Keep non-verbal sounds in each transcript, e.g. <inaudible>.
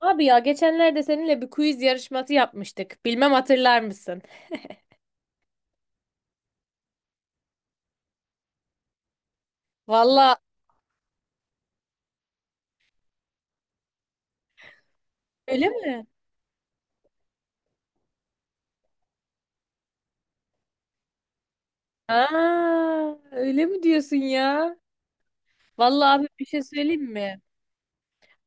Abi ya geçenlerde seninle bir quiz yarışması yapmıştık. Bilmem hatırlar mısın? Valla öyle mi? Aa, öyle mi diyorsun ya? Vallahi abi bir şey söyleyeyim mi?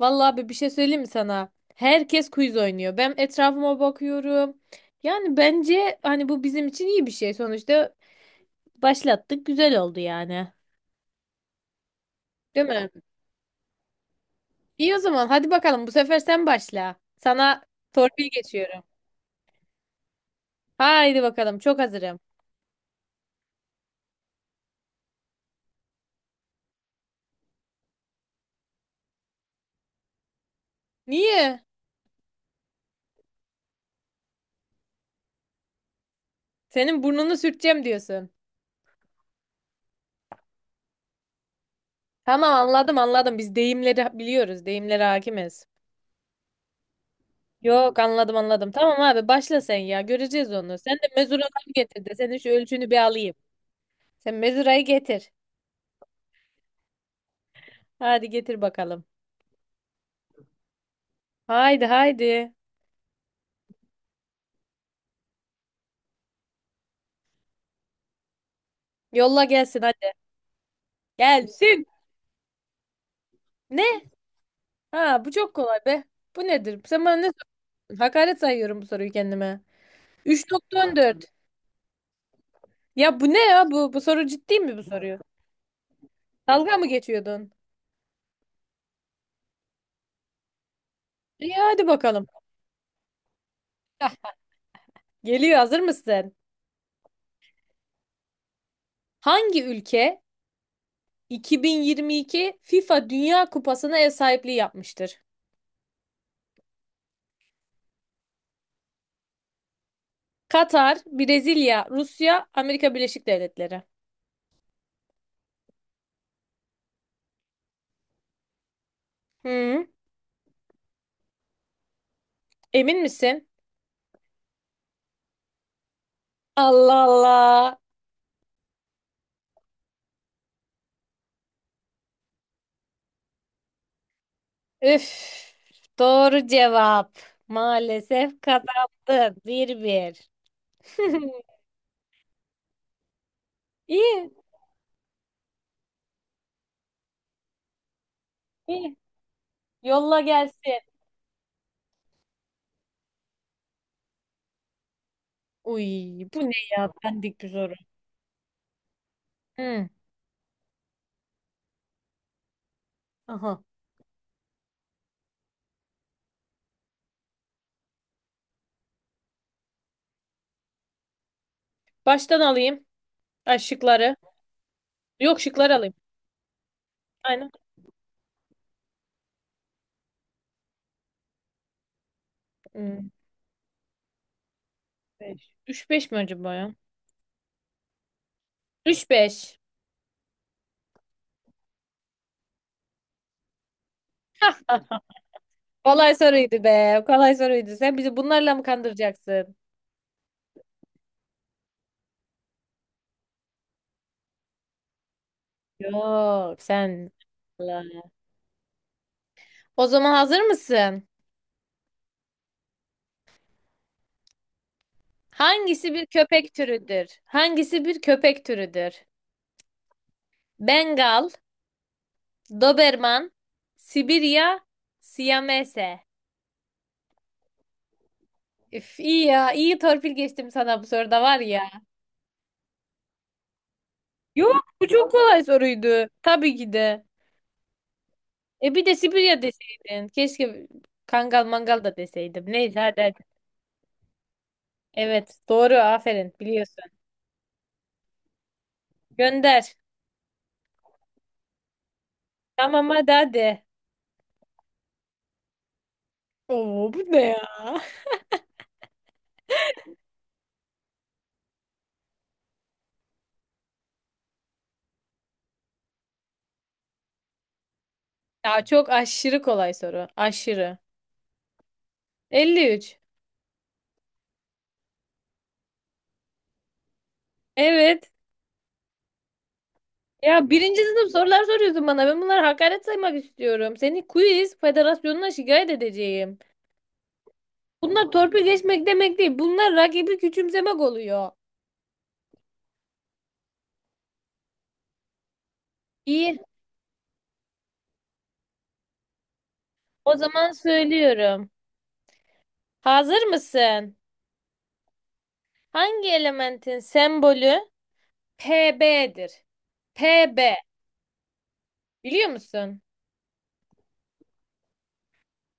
Vallahi abi bir şey söyleyeyim mi sana? Herkes quiz oynuyor. Ben etrafıma bakıyorum. Yani bence hani bu bizim için iyi bir şey. Sonuçta başlattık. Güzel oldu yani. Değil mi? İyi o zaman hadi bakalım bu sefer sen başla. Sana torpil geçiyorum. Haydi bakalım çok hazırım. Niye? Senin burnunu sürteceğim diyorsun. Tamam anladım anladım. Biz deyimleri biliyoruz. Deyimlere hakimiz. Yok anladım anladım. Tamam abi başla sen ya. Göreceğiz onu. Sen de mezuraları getir de senin şu ölçünü bir alayım. Sen mezurayı getir. Hadi getir bakalım. Haydi haydi. Yolla gelsin hadi. Gelsin. Ne? Ha bu çok kolay be. Bu nedir? Sen bana ne sordun? Hakaret sayıyorum bu soruyu kendime. 3,14. Ya bu ne ya bu? Bu soru ciddi mi bu soruyu? Dalga mı geçiyordun? İyi hadi bakalım. Geliyor, hazır mısın? Hangi ülke 2022 FIFA Dünya Kupası'na ev sahipliği yapmıştır? Katar, Brezilya, Rusya, Amerika Birleşik Devletleri. Hı, emin misin? Allah Allah. Üf. Doğru cevap. Maalesef kazandın. Bir bir. <laughs> İyi, iyi. Yolla gelsin. Uy, bu ne ya? Bendik bir soru. Hı, aha. Baştan alayım. Ay, şıkları. Yok şıkları alayım. Aynen. Hmm. 5. 3-5 mi acaba ya? 3-5. Ah, kolay soruydu be. Kolay soruydu. Sen bizi bunlarla mı kandıracaksın? Yok sen. Allah. O zaman hazır mısın? Hangisi bir köpek türüdür? Hangisi bir köpek türüdür? Bengal, Doberman, Sibirya, Siyamese. Üf, iyi ya. İyi torpil geçtim sana bu soruda var ya. Yok bu çok kolay soruydu. Tabii ki de. E bir de Sibirya deseydin. Keşke Kangal mangal da deseydim. Neyse hadi hadi. Evet doğru aferin biliyorsun. Gönder. Tamam hadi hadi. Oo bu ne ya? Ya çok aşırı kolay soru. Aşırı. 53. Evet. Ya birinci sınıf sorular soruyorsun bana. Ben bunları hakaret saymak istiyorum. Seni quiz federasyonuna şikayet edeceğim. Bunlar torpil geçmek demek değil. Bunlar rakibi küçümsemek oluyor. İyi. O zaman söylüyorum. Hazır mısın? Hangi elementin sembolü Pb'dir? Pb. Biliyor musun?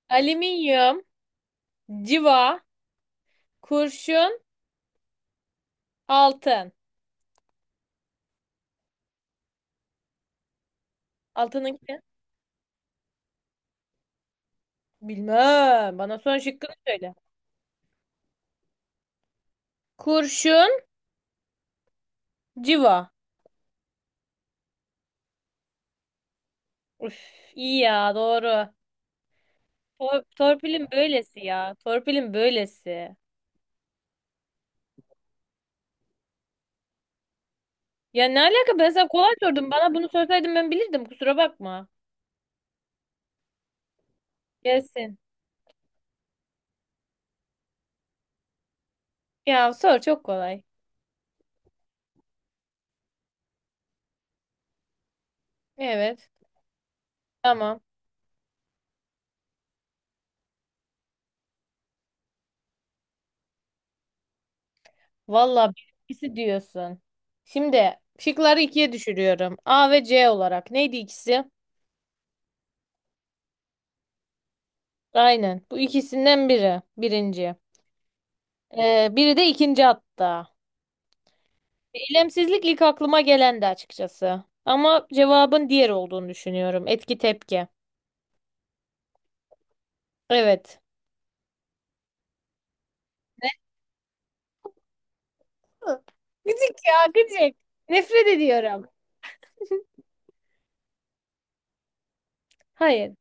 Alüminyum, civa, kurşun, altın. Altının ne? Bilmem. Bana son şıkkını söyle. Kurşun, civa. Üf, iyi ya doğru. Torpilin böylesi ya. Torpilin böylesi. Ya ne alaka ben sana kolay sordum. Bana bunu sorsaydın ben bilirdim. Kusura bakma. Gelsin. Ya sor çok kolay. Evet. Tamam. Valla ikisi diyorsun. Şimdi şıkları ikiye düşürüyorum. A ve C olarak. Neydi ikisi? Aynen. Bu ikisinden biri. Birinci. Biri de ikinci hatta. Eylemsizlik ilk aklıma gelendi açıkçası. Ama cevabın diğer olduğunu düşünüyorum. Etki tepki. Evet. Hı. Gıcık ya gıcık. Nefret ediyorum. Hayır.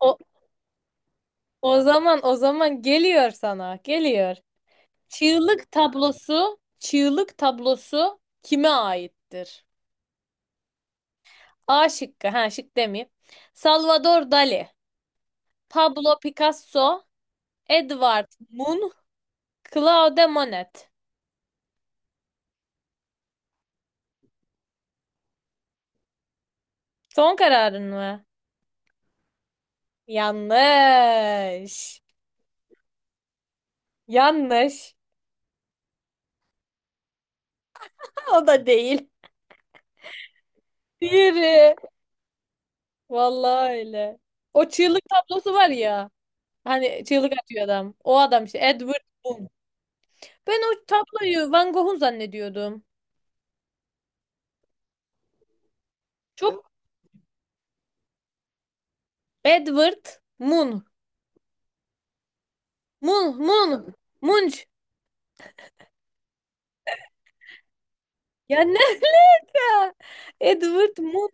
O, o zaman geliyor sana. Geliyor. Çığlık tablosu kime aittir? A şıkkı. Ha şık demeyeyim. Salvador Dali, Pablo Picasso, Edvard Munch, Claude Monet. Son kararın mı? Yanlış. Yanlış. Ha, o da değil. Diğeri. Vallahi öyle. O çığlık tablosu var ya. Hani çığlık atıyor adam. O adam işte Edward Munch. Ben o tabloyu Van Gogh'un zannediyordum. Çok Edward Munch. Munch, Munch, Munch. Ya ne? <laughs> Edward Mun.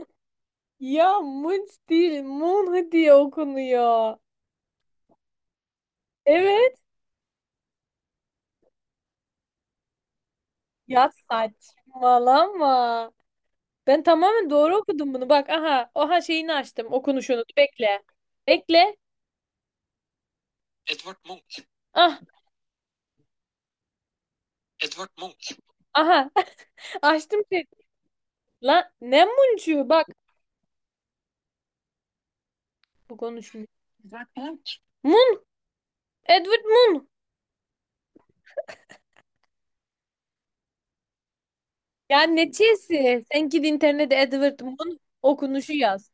Ya Munch değil. Mun diye okunuyor. Evet. Ya saçmalama. Ben tamamen doğru okudum bunu. Bak aha. Oha şeyini açtım. Okunuşunu. Bekle. Bekle. Ah. Aha. <laughs> Açtım şey. Lan ne Munch'u? Bak. Bu konuşmuyor. Mun. Edward Mun. Ya ne çesi? Sen git internete Edward Mun okunuşu yaz.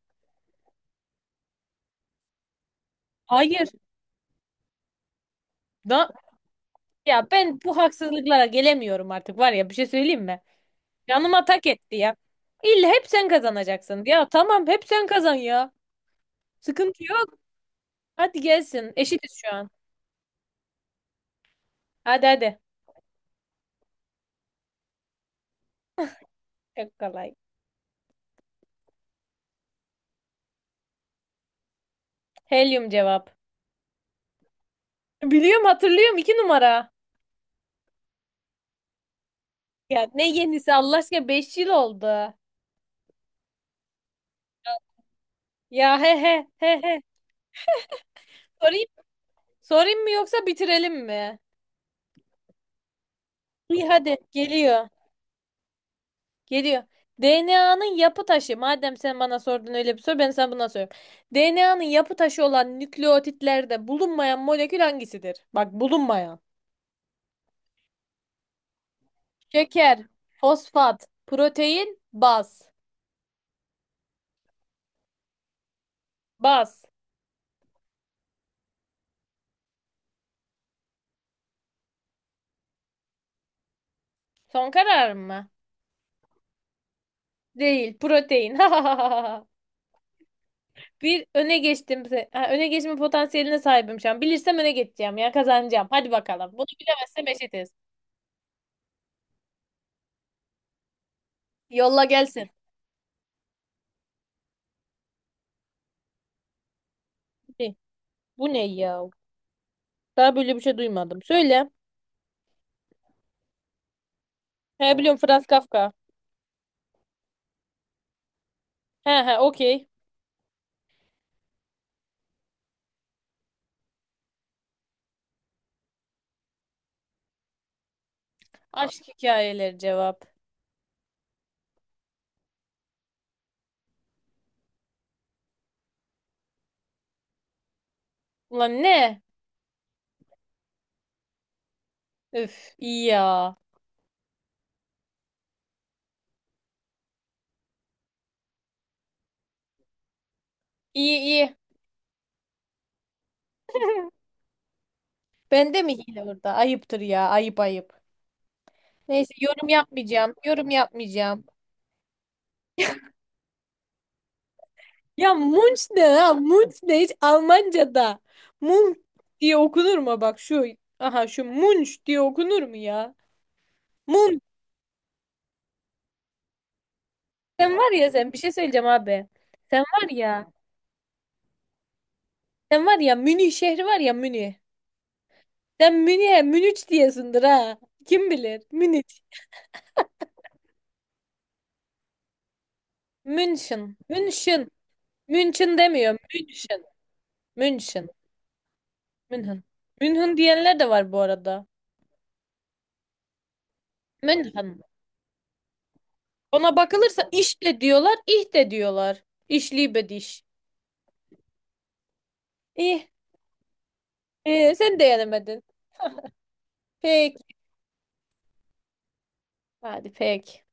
Hayır. Da Ya ben bu haksızlıklara gelemiyorum artık var ya bir şey söyleyeyim mi? Canıma tak etti ya. İlla hep sen kazanacaksın. Ya tamam hep sen kazan ya. Sıkıntı yok. Hadi gelsin. Eşitiz şu an. Hadi hadi. Çok kolay. Helyum cevap. Biliyorum hatırlıyorum 2 numara. Ya ne yenisi Allah aşkına 5 yıl oldu. Ya he he he he. Sorayım, sorayım mı yoksa bitirelim mi? İyi hadi geliyor. Geliyor. DNA'nın yapı taşı. Madem sen bana sordun öyle bir soru, ben sana buna soruyorum. DNA'nın yapı taşı olan nükleotitlerde bulunmayan molekül hangisidir? Bak bulunmayan. Şeker, fosfat, protein, baz. Baz. Son karar mı? Değil, protein. <laughs> Bir öne geçtim. Öne geçme potansiyeline sahibim şu an. Bilirsem öne geçeceğim ya kazanacağım. Hadi bakalım. Bunu bilemezsem eşitiz. Yolla gelsin. Ne? Bu ne ya? Daha böyle bir şey duymadım. Söyle. He, biliyorum Franz Kafka. He he, okey. Aşk hikayeleri cevap. Ulan ne? Üf iyi ya. İyi iyi. <laughs> Bende mi hile burada? Ayıptır ya ayıp ayıp. Neyse yorum yapmayacağım. Yorum yapmayacağım. Ya Munch ne ha? Munch ne hiç Almanca'da? Munch diye okunur mu? Bak şu. Aha şu Munch diye okunur mu ya? Munch. Sen var ya sen bir şey söyleyeceğim abi. Sen var ya. Sen var ya Münih şehri var ya Münih. Sen Münih'e Münüç diyesindir ha. Kim bilir? Münüç. Münşin. Münşin. Münşin demiyor. Münşin. Münşin. Münhın. Münhın diyenler de var bu arada. Münhın. Ona bakılırsa iş de diyorlar, ih de diyorlar. İşli bediş. İh. Sen de yenemedin. Pek. Hadi pek.